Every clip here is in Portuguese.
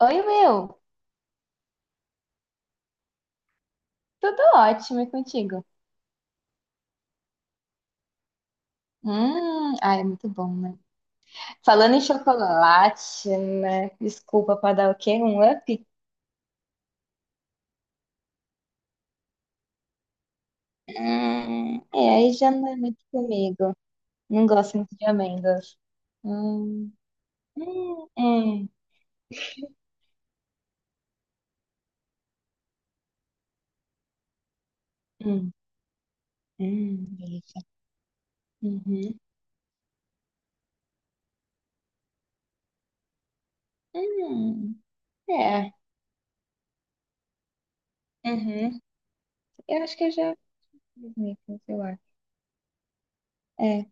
Oi, Will. Tudo ótimo e contigo? Ai, é muito bom, né? Falando em chocolate, né? Desculpa pra dar o quê? Um up? É, aí já não é muito comigo. Não gosto muito de amêndoas. Hum, hum, hum, hum, delícia. Uhum, hum, é, uhum. Eu acho que eu já fiz micro, sei lá. É,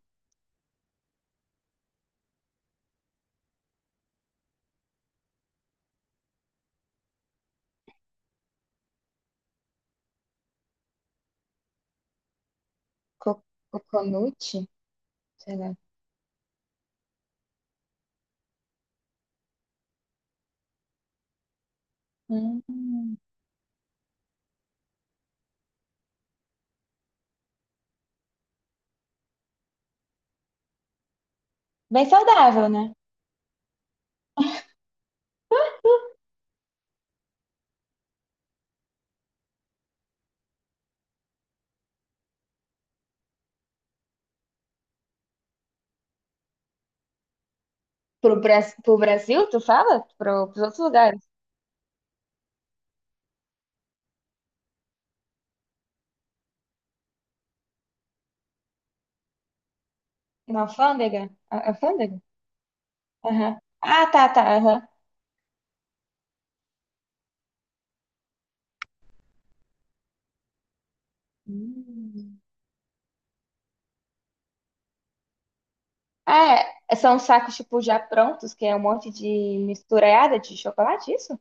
co coconut, sei lá. Hum, Bem saudável, né? Pro Brasil, tu fala? Pros outros lugares. Na alfândega? Alfândega? Aham. Ah, tá, tá, aham. Hum. Ah, é, são sacos, tipo, já prontos, que é um monte de misturada de chocolate, isso?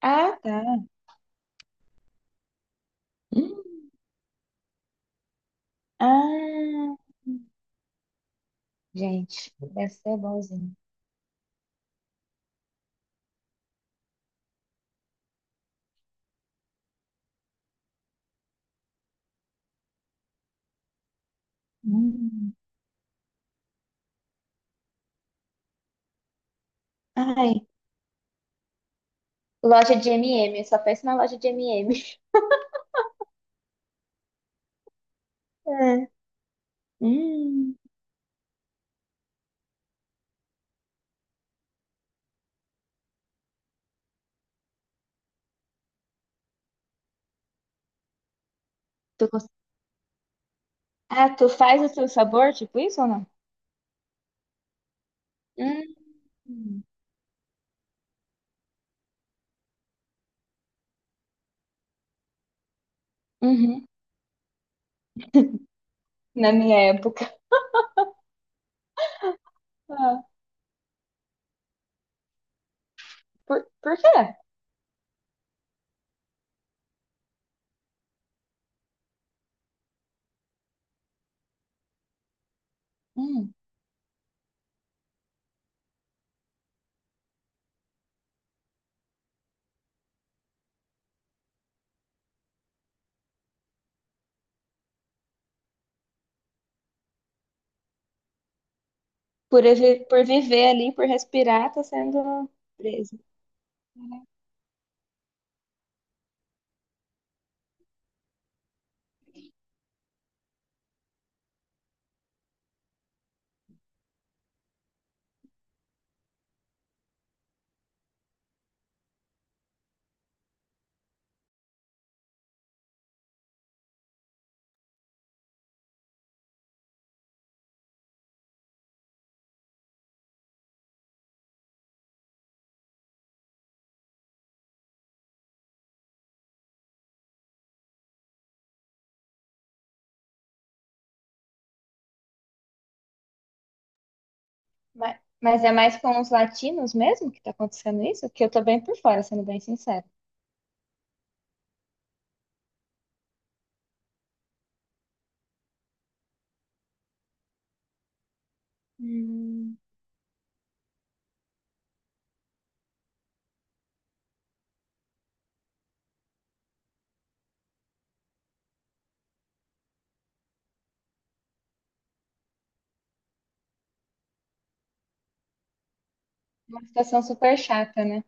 Ah, tá. Hum. Ah, gente, deve ser bonzinho. Hum. Ai, loja de M&M, eu só penso na loja de M&M. É. Hum. Tu cons- Ah, tu faz o seu sabor, tipo isso ou não? Hum. Uhum. Na minha época. Ah, por quê? Hum. Por viver ali, por respirar, tá sendo preso. Mas é mais com os latinos mesmo que tá acontecendo isso? Que eu tô bem por fora, sendo bem sincero. Hum. Uma situação super chata, né?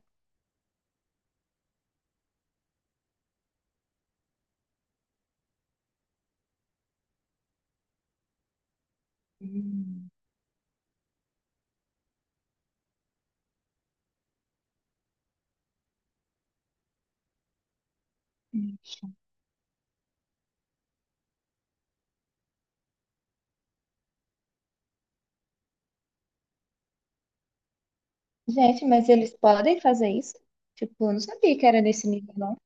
Hum. Gente, mas eles podem fazer isso? Tipo, eu não sabia que era nesse nível, não.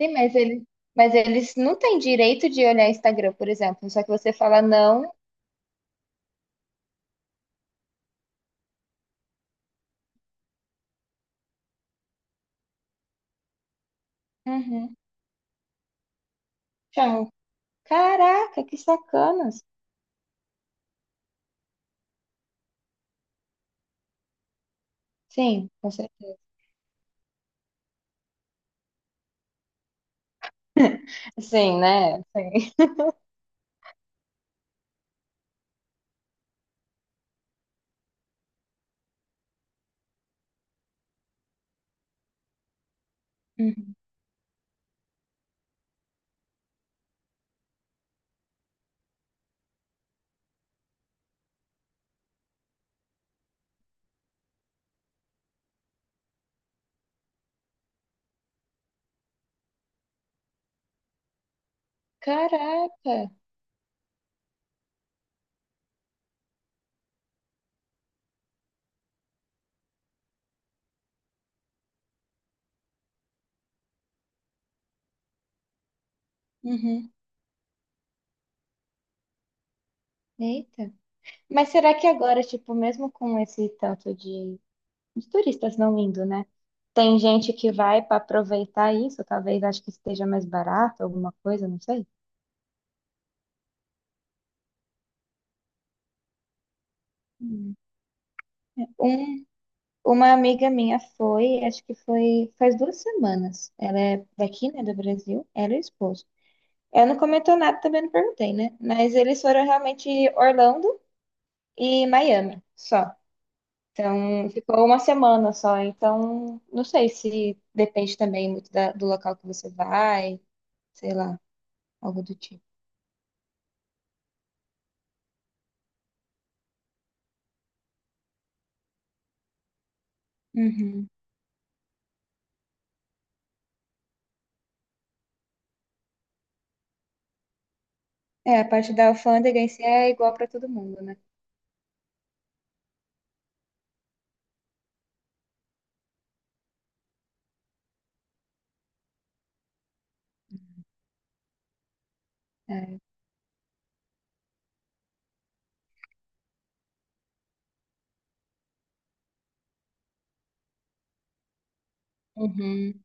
Sim, mas eles não têm direito de olhar Instagram, por exemplo. Só que você fala não. Uhum. Chama. Caraca, que sacana. Sim, com certeza. Sim, né? Sim. Uhum. Caraca! Uhum. Eita. Mas será que agora, tipo, mesmo com esse tanto de turistas não indo, né? Tem gente que vai para aproveitar isso, talvez acho que esteja mais barato, alguma coisa, não sei. Hum. Um, uma amiga minha foi, acho que foi faz duas semanas. Ela é daqui, né, do Brasil. Ela e o esposo. Ela não comentou nada, também não perguntei, né? Mas eles foram realmente Orlando e Miami, só. Então, ficou uma semana só. Então, não sei se depende também muito do local que você vai, sei lá, algo do tipo. Uhum. É, a parte da alfândega em si é igual para todo mundo, né? É. Uhum.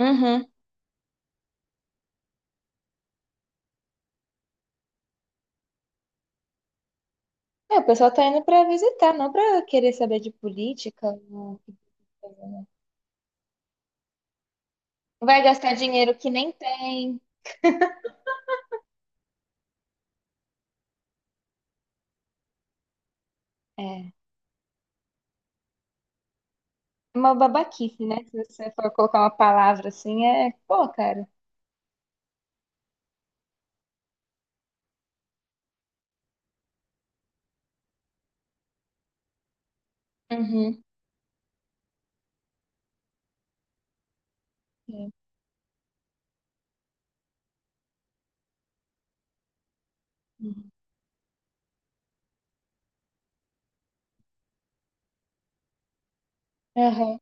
Uhum. É, o pessoal tá indo para visitar, não para querer saber de política, não. Vai gastar dinheiro que nem tem. É. É uma babaquice, né? Se você for colocar uma palavra assim, é. Pô, cara. Uhum. É. Uhum. Aham.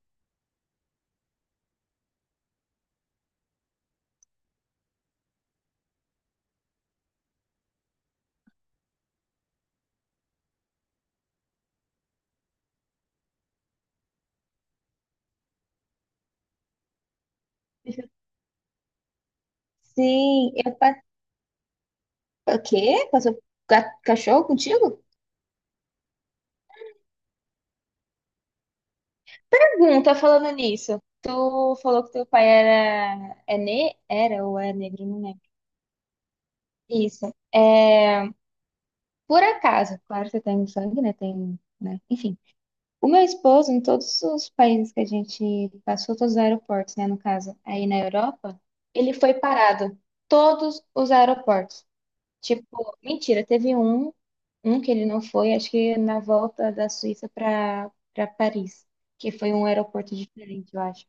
Sim, eu passei. O quê? Passou cachorro contigo? Pergunta falando nisso. Tu falou que teu pai era ou é negro, não lembro. Isso. É. Por acaso, claro que tem sangue, né? Tem, né? Enfim. O meu esposo, em todos os países que a gente passou, todos os aeroportos, né? No caso, aí na Europa, ele foi parado. Todos os aeroportos. Tipo, mentira, teve um que ele não foi, acho que na volta da Suíça para Paris, que foi um aeroporto diferente, eu acho.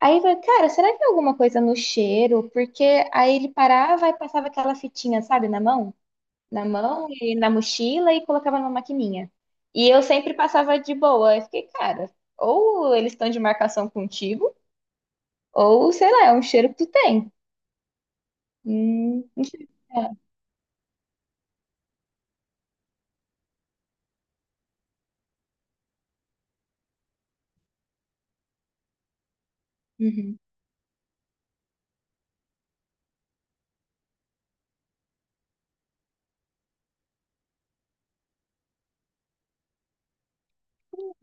Aí eu falei, cara, será que é alguma coisa no cheiro? Porque aí ele parava e passava aquela fitinha, sabe, na mão e na mochila e colocava numa maquininha. E eu sempre passava de boa. Eu fiquei, cara, ou eles estão de marcação contigo, ou sei lá, é um cheiro que tu tem. Não sei. É. Uhum.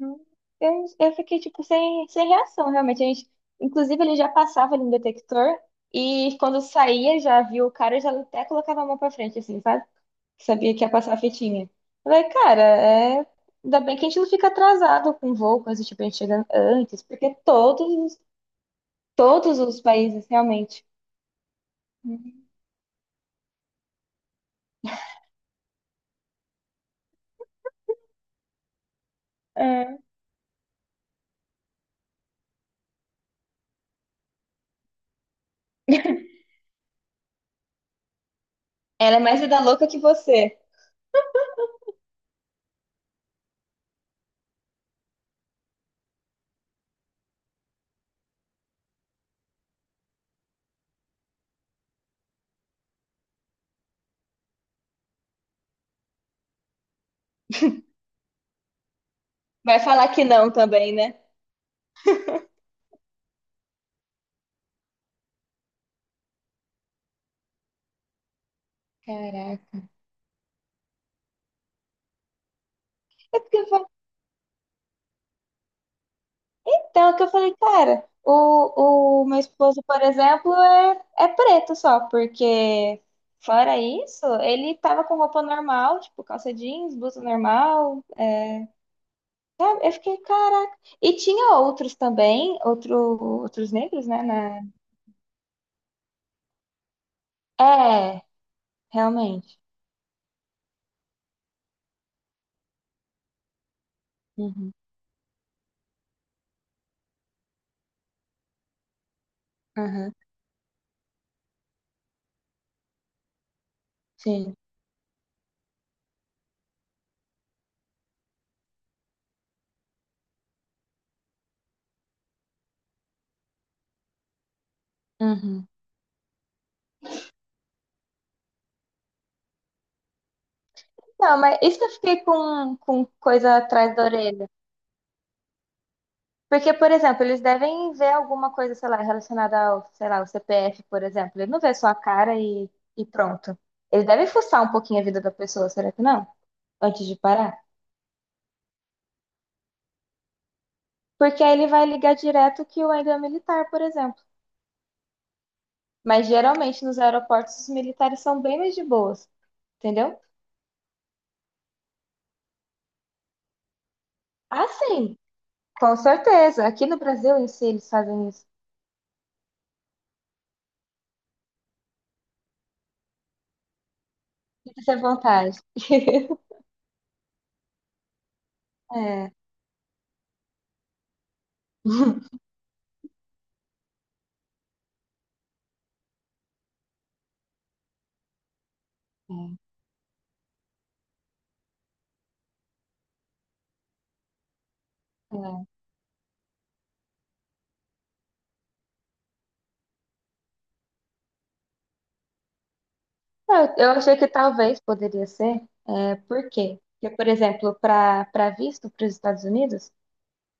Hum, eu fiquei, tipo, sem reação, realmente. A gente, inclusive, ele já passava ali no detector e quando saía, já viu o cara, já até colocava a mão pra frente, assim, sabe? Que sabia que ia passar a fitinha. Eu falei, cara, ainda bem que a gente não fica atrasado com voo, coisa tipo, a gente chega antes, porque todos, os países, realmente. É. Ela é mais vida louca que você. Vai falar que não também, né? Caraca. É porque Então, é o que eu falei, cara, o meu esposo, por exemplo, é preto só, porque fora isso, ele tava com roupa normal, tipo calça jeans, blusa normal, sabe? Eu fiquei, caraca. E tinha outros também, outros negros, né? É, realmente. Uhum, aham, sim. Uhum. Não, mas isso que eu fiquei com coisa atrás da orelha. Porque, por exemplo, eles devem ver alguma coisa, sei lá, relacionada ao, sei lá, ao CPF, por exemplo. Ele não vê só a cara e pronto. Eles devem fuçar um pouquinho a vida da pessoa, será que não? Antes de parar. Porque aí ele vai ligar direto que o ainda é militar, por exemplo. Mas geralmente nos aeroportos os militares são bem mais de boas, entendeu? Ah, sim, com certeza. Aqui no Brasil em si eles fazem isso. Fique à vontade. É. É. É, eu achei que talvez poderia ser, é, por quê? Porque, por exemplo, para visto para os Estados Unidos,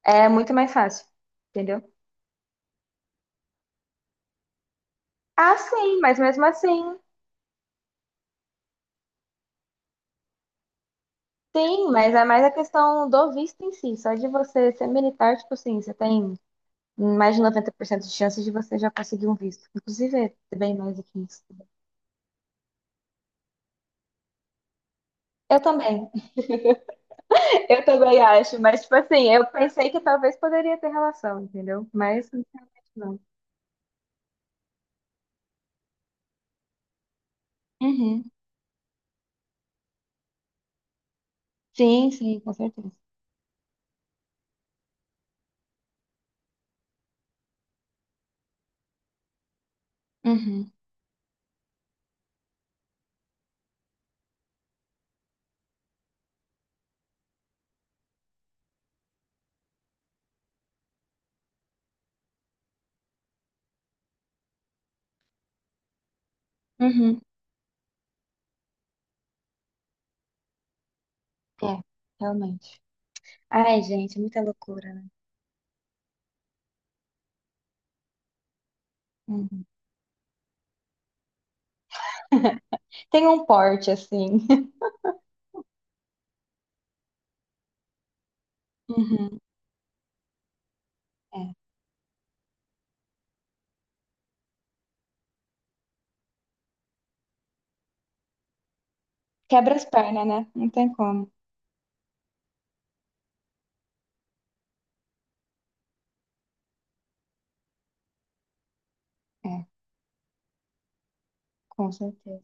é muito mais fácil, entendeu? Ah, sim, mas mesmo assim, sim, mas é mais a questão do visto em si, só de você ser militar, tipo assim, você tem mais de 90% de chances de você já conseguir um visto. Inclusive, é bem mais do que isso. Eu também, eu também acho, mas, tipo assim, eu pensei que talvez poderia ter relação, entendeu? Mas, realmente não. Uhum. Sim, sim, com certeza. Uhum. Uhum. É, realmente. Ai, gente, é muita loucura, né? Uhum. Tem um porte assim. Uhum. É, quebra as pernas, né? Não tem como. É, com certeza.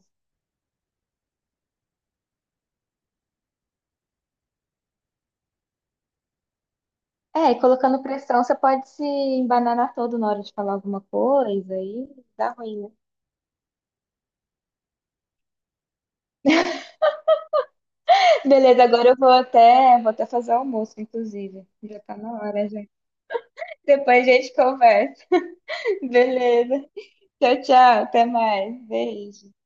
É, e colocando pressão, você pode se embananar todo na hora de falar alguma coisa e dá ruim, né? Beleza, agora eu vou até fazer almoço, inclusive. Já tá na hora, já. Depois a gente conversa. Beleza. Tchau, tchau. Até mais. Beijo.